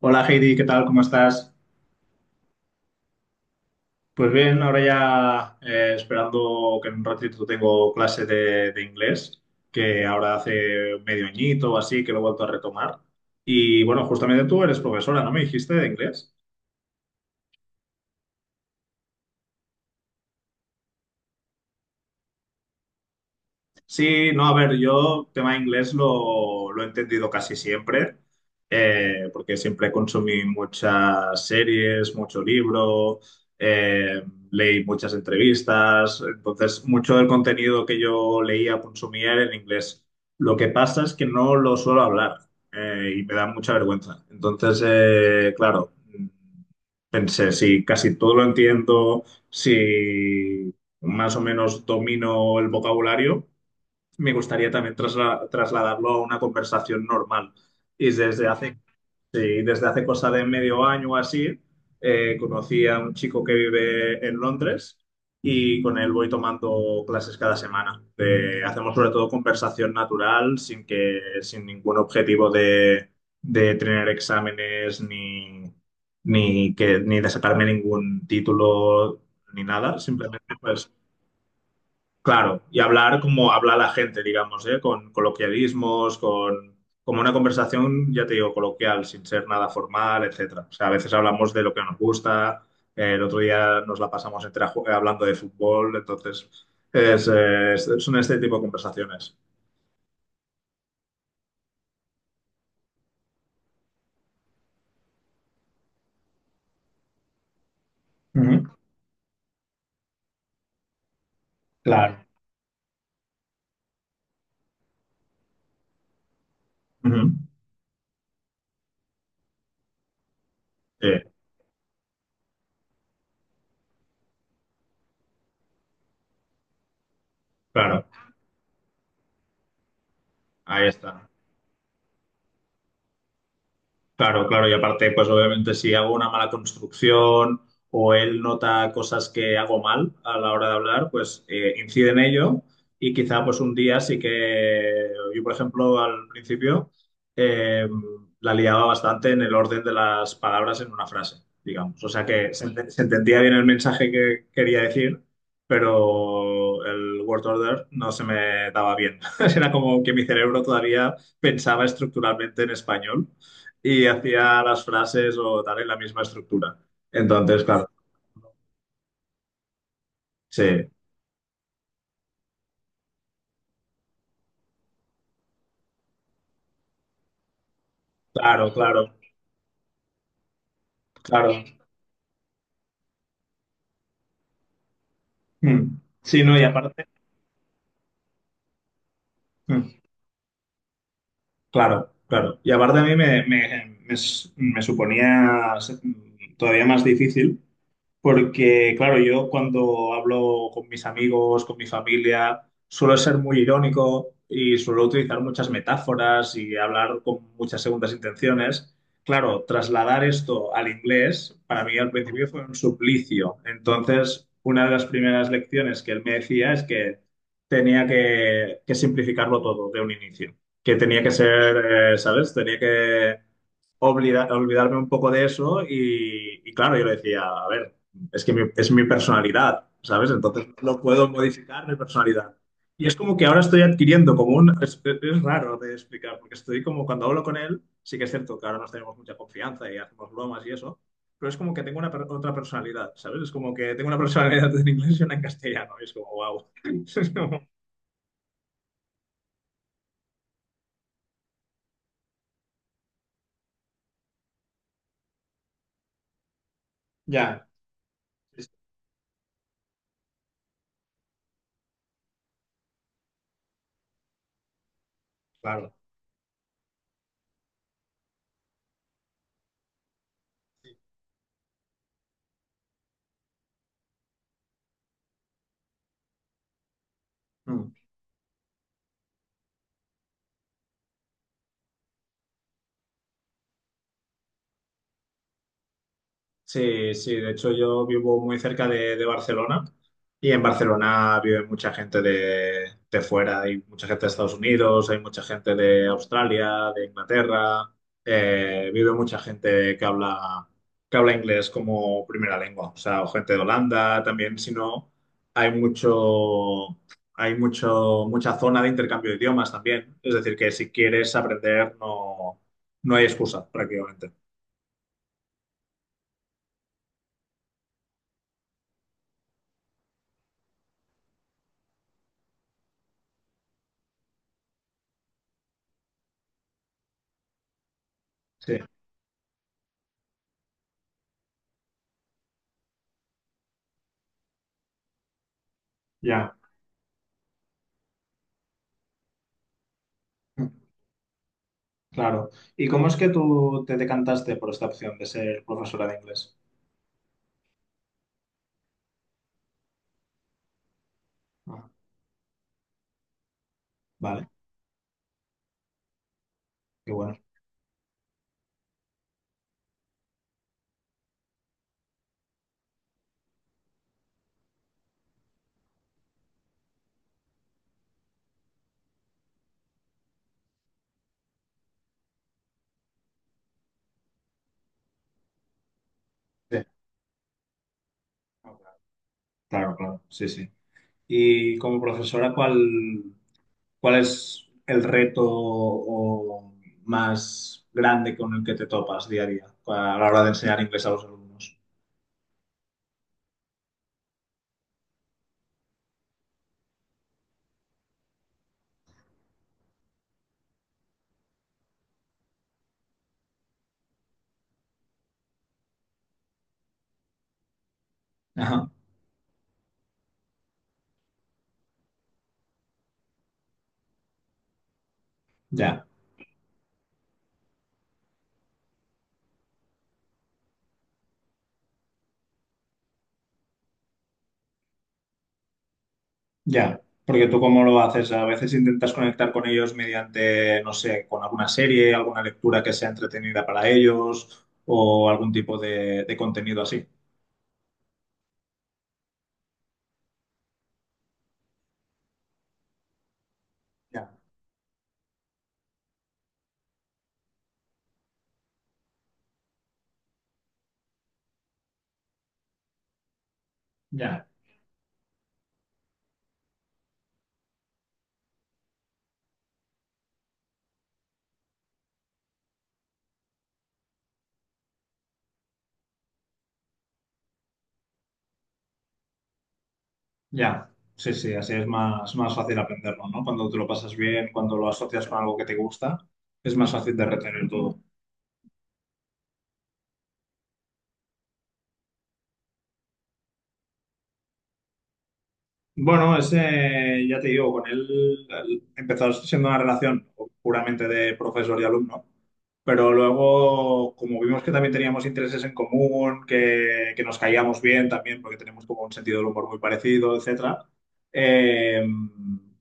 Hola Heidi, ¿qué tal? ¿Cómo estás? Pues bien, ahora ya esperando que en un ratito tengo clase de inglés, que ahora hace medio añito o así que lo he vuelto a retomar. Y bueno, justamente tú eres profesora, ¿no me dijiste de inglés? Sí, no, a ver, yo tema inglés lo he entendido casi siempre, porque siempre consumí muchas series, mucho libro, eh, leí muchas entrevistas, entonces mucho del contenido que yo leía, consumía era en inglés. Lo que pasa es que no lo suelo hablar, y me da mucha vergüenza. Entonces, claro, pensé, si casi todo lo entiendo, si más o menos domino el vocabulario me gustaría también trasladarlo a una conversación normal. Y desde hace, sí, desde hace cosa de medio año o así, conocí a un chico que vive en Londres y con él voy tomando clases cada semana. Hacemos sobre todo conversación natural sin ningún objetivo de tener exámenes ni de sacarme ningún título ni nada. Simplemente pues claro, y hablar como habla la gente, digamos, ¿eh? Con coloquialismos, con como una conversación, ya te digo, coloquial, sin ser nada formal, etcétera. O sea, a veces hablamos de lo que nos gusta, el otro día nos la pasamos entera hablando de fútbol, entonces es, son este tipo de conversaciones. Ujú. Claro. Ujú. Sí, claro, ahí está. Claro, claro, y aparte, pues obviamente si hago una mala construcción o él nota cosas que hago mal a la hora de hablar, pues incide en ello y quizá pues un día sí que yo, por ejemplo, al principio eh, la liaba bastante en el orden de las palabras en una frase, digamos. O sea que se, se entendía bien el mensaje que quería decir, pero el word order no se me daba bien. Era como que mi cerebro todavía pensaba estructuralmente en español y hacía las frases o tal en la misma estructura. Entonces, claro, sí, claro, claro, claro. Mm. Sí, no, y aparte, mm, claro, claro. Y aparte a mí me suponía ser todavía más difícil. Porque, claro, yo cuando hablo con mis amigos, con mi familia, suelo ser muy irónico y suelo utilizar muchas metáforas y hablar con muchas segundas intenciones. Claro, trasladar esto al inglés para mí al principio fue un suplicio. Entonces, una de las primeras lecciones que él me decía es que tenía que simplificarlo todo de un inicio, que tenía que ser, ¿sabes? Tenía que olvidarme un poco de eso y claro, yo le decía, a ver es que es mi personalidad, ¿sabes? Entonces no lo puedo modificar mi personalidad. Y es como que ahora estoy adquiriendo como un... es raro de explicar, porque estoy como cuando hablo con él, sí que es cierto que ahora nos tenemos mucha confianza y hacemos bromas y eso, pero es como que tengo una otra personalidad, ¿sabes? Es como que tengo una personalidad en inglés y una en castellano, y es como, wow. Ya, sí, sí, claro. Sí. Mm. Sí, sí, de hecho yo vivo muy cerca de Barcelona y en Barcelona vive mucha gente de fuera, hay mucha gente de Estados Unidos, hay mucha gente de Australia, de Inglaterra, vive mucha gente que habla inglés como primera lengua, o sea, o gente de Holanda también, si no, hay mucho, hay mucho, mucha zona de intercambio de idiomas también, es decir, que si quieres aprender no, no hay excusa prácticamente. Sí, ya. Claro. ¿Y cómo es que tú te decantaste por esta opción de ser profesora de inglés? Ah, vale, qué bueno. Sí. Claro, claro, sí, sí. Y como profesora, ¿cuál es el reto o más grande con el que te topas día a día a la hora de enseñar inglés a los alumnos? Ajá, ya. Ya, porque tú cómo lo haces, a veces intentas conectar con ellos mediante, no sé, con alguna serie, alguna lectura que sea entretenida para ellos o algún tipo de contenido así. Ya, ya, ya. Sí, sí, así es más, más fácil aprenderlo, ¿no? Cuando te lo pasas bien, cuando lo asocias con algo que te gusta, es más fácil de retener todo. Bueno, ese, ya te digo, con él empezó siendo una relación puramente de profesor y alumno, pero luego, como vimos que también teníamos intereses en común, que nos caíamos bien también, porque tenemos como un sentido del humor muy parecido, etcétera, eh,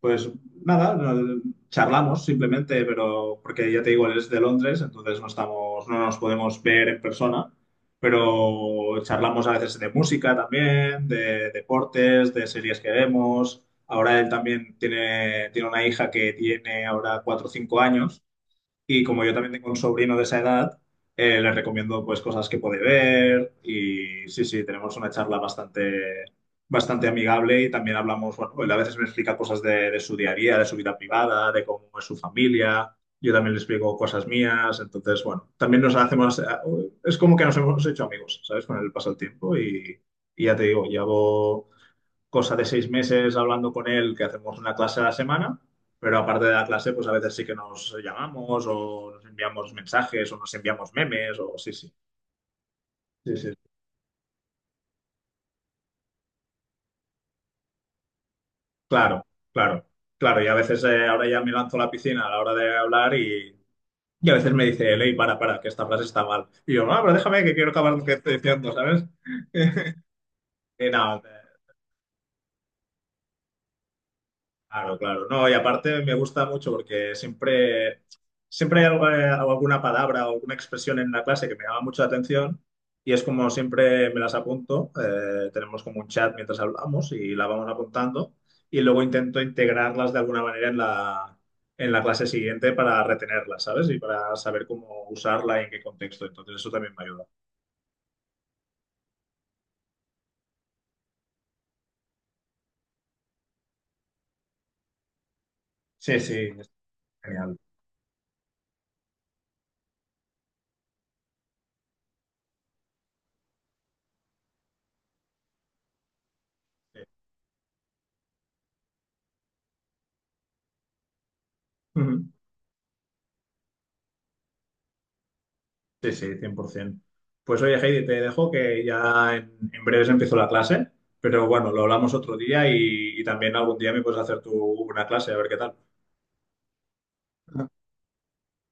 pues nada, charlamos simplemente, pero porque ya te digo, él es de Londres, entonces no estamos, no nos podemos ver en persona pero charlamos a veces de música también, de deportes, de series que vemos. Ahora él también tiene, tiene una hija que tiene ahora cuatro o cinco años y como yo también tengo un sobrino de esa edad, le recomiendo pues cosas que puede ver y sí, sí, tenemos una charla bastante, bastante amigable y también hablamos, bueno, él a veces me explica cosas de su día a día, de su vida privada, de cómo es su familia, yo también le explico cosas mías, entonces, bueno, también nos hacemos, es como que nos hemos hecho amigos, ¿sabes? Con el paso del tiempo y ya te digo, llevo cosa de seis meses hablando con él, que hacemos una clase a la semana, pero aparte de la clase, pues a veces sí que nos llamamos o nos enviamos mensajes o nos enviamos memes o sí, sí, sí, sí. Claro, claro, claro. Y a veces ahora ya me lanzo a la piscina a la hora de hablar y a veces me dice él, "Ey, para, que esta frase está mal". Y yo, no, pero déjame que quiero acabar lo que estoy diciendo, ¿sabes? Y nada, claro, claro. No, y aparte me gusta mucho porque siempre, alguna palabra o alguna expresión en la clase que me llama mucho la atención y es como siempre me las apunto. Tenemos como un chat mientras hablamos y la vamos apuntando y luego intento integrarlas de alguna manera en la clase siguiente para retenerlas, ¿sabes? Y para saber cómo usarla y en qué contexto. Entonces eso también me ayuda. Sí, sí, es genial. Sí. Ujú. Sí, sí, 100%. Pues oye, Heidi, te dejo que ya en breves empiezo la clase, pero bueno, lo hablamos otro día y también algún día me puedes hacer tú una clase, a ver qué tal.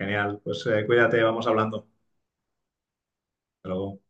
Genial, pues cuídate, vamos hablando. Hasta luego.